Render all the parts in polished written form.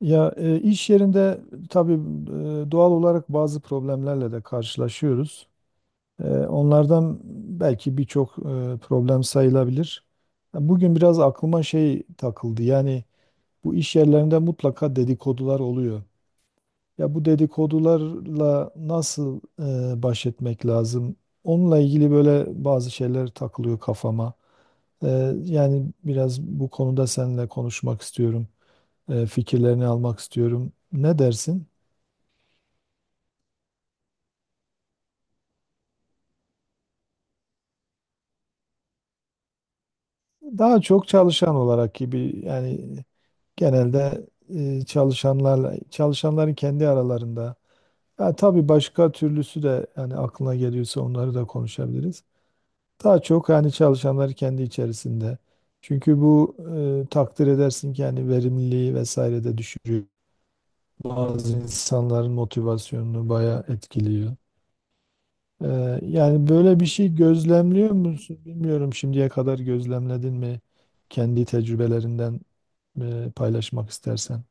Ya iş yerinde tabii doğal olarak bazı problemlerle de karşılaşıyoruz. Onlardan belki birçok problem sayılabilir. Ya bugün biraz aklıma şey takıldı. Yani bu iş yerlerinde mutlaka dedikodular oluyor. Ya bu dedikodularla nasıl baş etmek lazım? Onunla ilgili böyle bazı şeyler takılıyor kafama. E, Yani biraz bu konuda seninle konuşmak istiyorum. Fikirlerini almak istiyorum. Ne dersin? Daha çok çalışan olarak gibi yani genelde çalışanlarla çalışanların kendi aralarında. Ya tabii başka türlüsü de yani aklına geliyorsa onları da konuşabiliriz. Daha çok yani çalışanlar kendi içerisinde. Çünkü bu takdir edersin ki yani verimliliği vesaire de düşürüyor. Bazı insanların motivasyonunu bayağı etkiliyor. Yani böyle bir şey gözlemliyor musun? Bilmiyorum şimdiye kadar gözlemledin mi? Kendi tecrübelerinden paylaşmak istersen.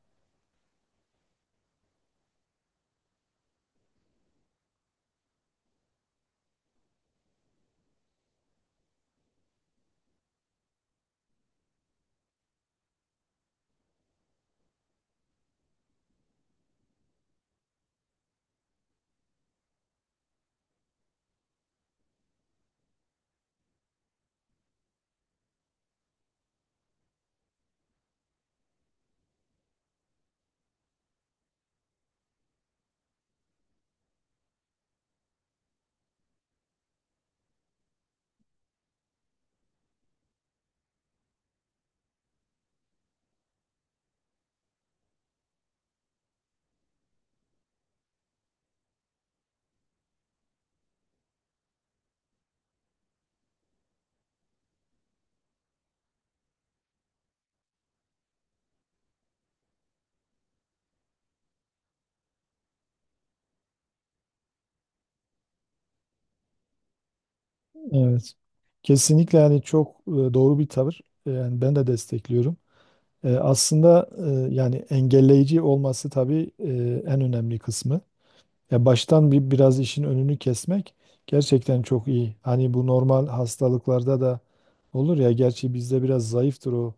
Evet. Kesinlikle yani çok doğru bir tavır. Yani ben de destekliyorum. Aslında yani engelleyici olması tabii en önemli kısmı. Ya baştan bir biraz işin önünü kesmek gerçekten çok iyi. Hani bu normal hastalıklarda da olur ya gerçi bizde biraz zayıftır o.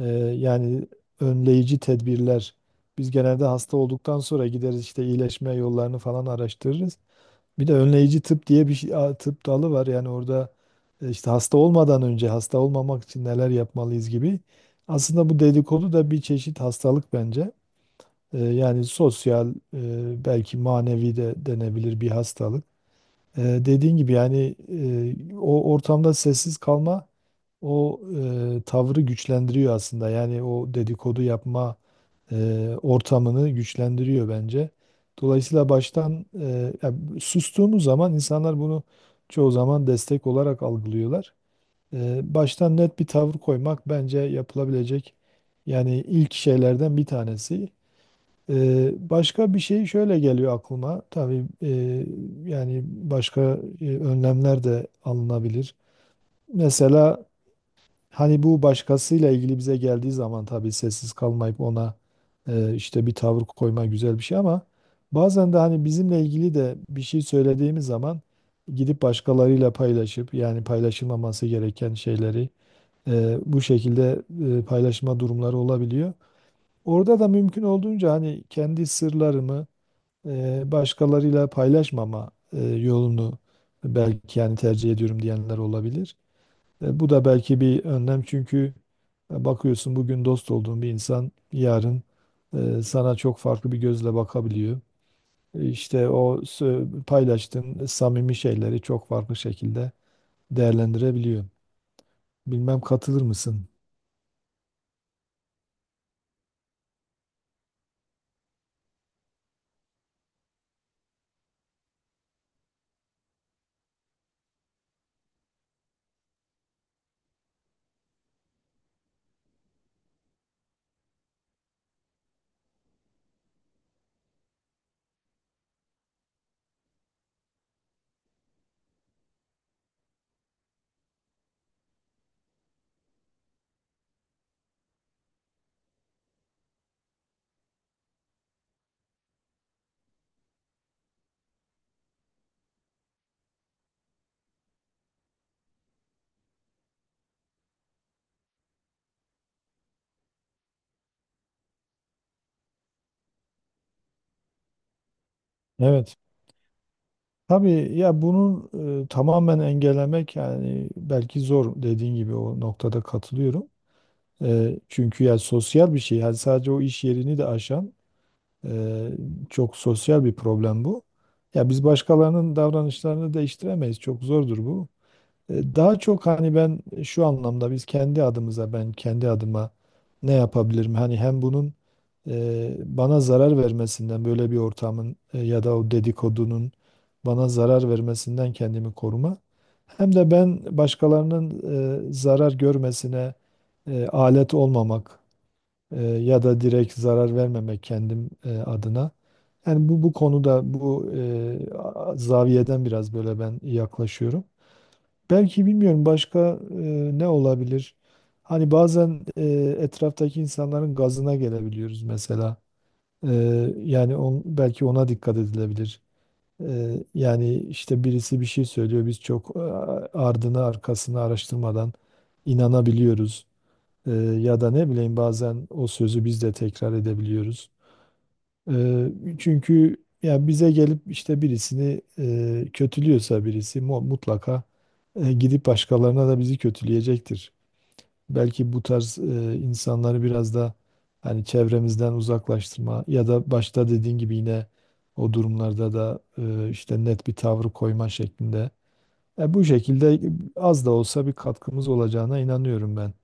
Ee, Yani önleyici tedbirler. Biz genelde hasta olduktan sonra gideriz işte iyileşme yollarını falan araştırırız. Bir de önleyici tıp diye bir şey, tıp dalı var. Yani orada işte hasta olmadan önce hasta olmamak için neler yapmalıyız gibi. Aslında bu dedikodu da bir çeşit hastalık bence. Yani sosyal belki manevi de denebilir bir hastalık. Dediğin gibi yani o ortamda sessiz kalma o tavrı güçlendiriyor aslında. Yani o dedikodu yapma ortamını güçlendiriyor bence. Dolayısıyla baştan sustuğumuz zaman insanlar bunu çoğu zaman destek olarak algılıyorlar. Baştan net bir tavır koymak bence yapılabilecek yani ilk şeylerden bir tanesi. Başka bir şey şöyle geliyor aklıma. Tabii yani başka önlemler de alınabilir. Mesela hani bu başkasıyla ilgili bize geldiği zaman tabii sessiz kalmayıp ona işte bir tavır koyma güzel bir şey ama bazen de hani bizimle ilgili de bir şey söylediğimiz zaman gidip başkalarıyla paylaşıp yani paylaşılmaması gereken şeyleri bu şekilde paylaşma durumları olabiliyor. Orada da mümkün olduğunca hani kendi sırlarımı başkalarıyla paylaşmama yolunu belki yani tercih ediyorum diyenler olabilir. Bu da belki bir önlem çünkü bakıyorsun bugün dost olduğun bir insan yarın sana çok farklı bir gözle bakabiliyor. İşte o paylaştığın samimi şeyleri çok farklı şekilde değerlendirebiliyor. Bilmem katılır mısın? Evet. Tabii ya bunun tamamen engellemek yani belki zor dediğin gibi o noktada katılıyorum. Çünkü ya sosyal bir şey. Yani sadece o iş yerini de aşan eee, çok sosyal bir problem bu. Ya biz başkalarının davranışlarını değiştiremeyiz. Çok zordur bu. Daha çok hani ben şu anlamda biz kendi adımıza ben kendi adıma ne yapabilirim? Hani hem bunun bana zarar vermesinden böyle bir ortamın ya da o dedikodunun bana zarar vermesinden kendimi koruma. Hem de ben başkalarının zarar görmesine alet olmamak ya da direkt zarar vermemek kendim adına. Yani bu konuda bu zaviyeden biraz böyle ben yaklaşıyorum. Belki bilmiyorum başka ne olabilir? Hani bazen etraftaki insanların gazına gelebiliyoruz mesela. E, Yani belki ona dikkat edilebilir. Yani işte birisi bir şey söylüyor, biz çok ardını arkasını araştırmadan inanabiliyoruz. E, Ya da ne bileyim bazen o sözü biz de tekrar edebiliyoruz. Eee, Çünkü ya bize gelip işte birisini kötülüyorsa birisi mutlaka gidip başkalarına da bizi kötüleyecektir. Belki bu tarz insanları biraz da hani çevremizden uzaklaştırma ya da başta dediğin gibi yine o durumlarda da işte net bir tavrı koyma şeklinde. Bu şekilde az da olsa bir katkımız olacağına inanıyorum ben.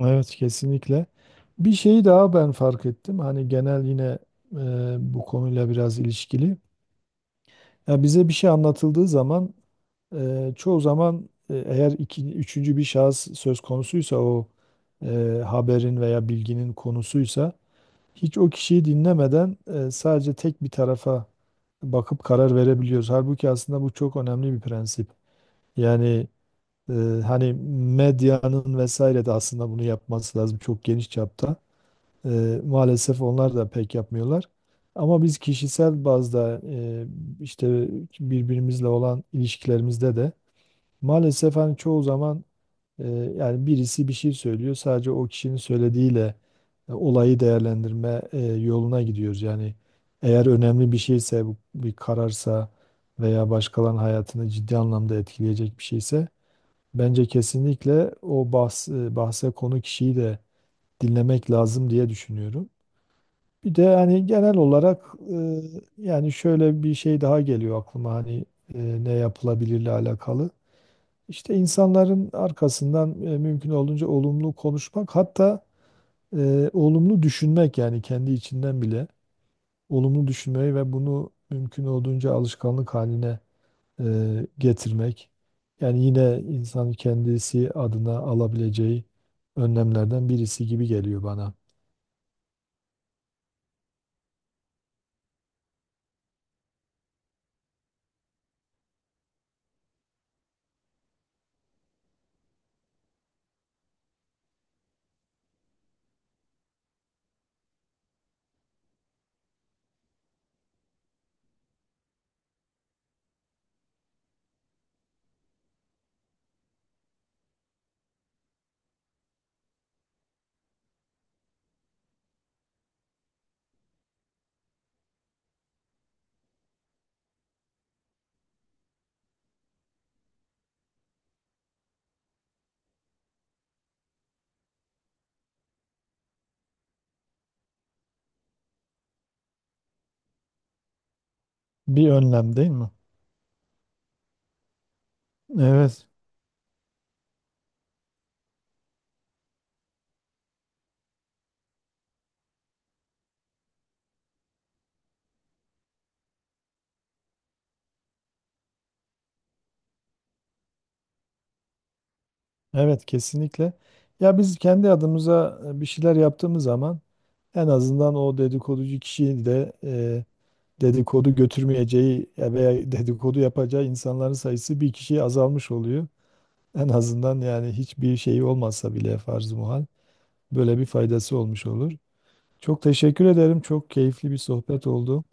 Evet, kesinlikle. Bir şey daha ben fark ettim. Hani genel yine bu konuyla biraz ilişkili. Ya bize bir şey anlatıldığı zaman çoğu zaman eğer iki, üçüncü bir şahıs söz konusuysa o haberin veya bilginin konusuysa hiç o kişiyi dinlemeden sadece tek bir tarafa bakıp karar verebiliyoruz. Halbuki aslında bu çok önemli bir prensip. Yani e, hani medyanın vesaire de aslında bunu yapması lazım çok geniş çapta. Maalesef onlar da pek yapmıyorlar. Ama biz kişisel bazda işte birbirimizle olan ilişkilerimizde de maalesef hani çoğu zaman yani birisi bir şey söylüyor sadece o kişinin söylediğiyle olayı değerlendirme yoluna gidiyoruz. Yani eğer önemli bir şeyse bu bir kararsa veya başkalarının hayatını ciddi anlamda etkileyecek bir şeyse bence kesinlikle o bahse konu kişiyi de dinlemek lazım diye düşünüyorum. Bir de hani genel olarak e, yani şöyle bir şey daha geliyor aklıma hani ne yapılabilirle alakalı. İşte insanların arkasından mümkün olduğunca olumlu konuşmak hatta olumlu düşünmek yani kendi içinden bile olumlu düşünmeyi ve bunu mümkün olduğunca alışkanlık haline getirmek. Yani yine insan kendisi adına alabileceği önlemlerden birisi gibi geliyor bana. Bir önlem değil mi? Evet, evet, kesinlikle. Ya biz kendi adımıza bir şeyler yaptığımız zaman en azından o dedikoducu kişiyi de dedikodu götürmeyeceği ya veya dedikodu yapacağı insanların sayısı bir kişiye azalmış oluyor. En azından yani hiçbir şey olmazsa bile farz-ı muhal böyle bir faydası olmuş olur. Çok teşekkür ederim. Çok keyifli bir sohbet oldu.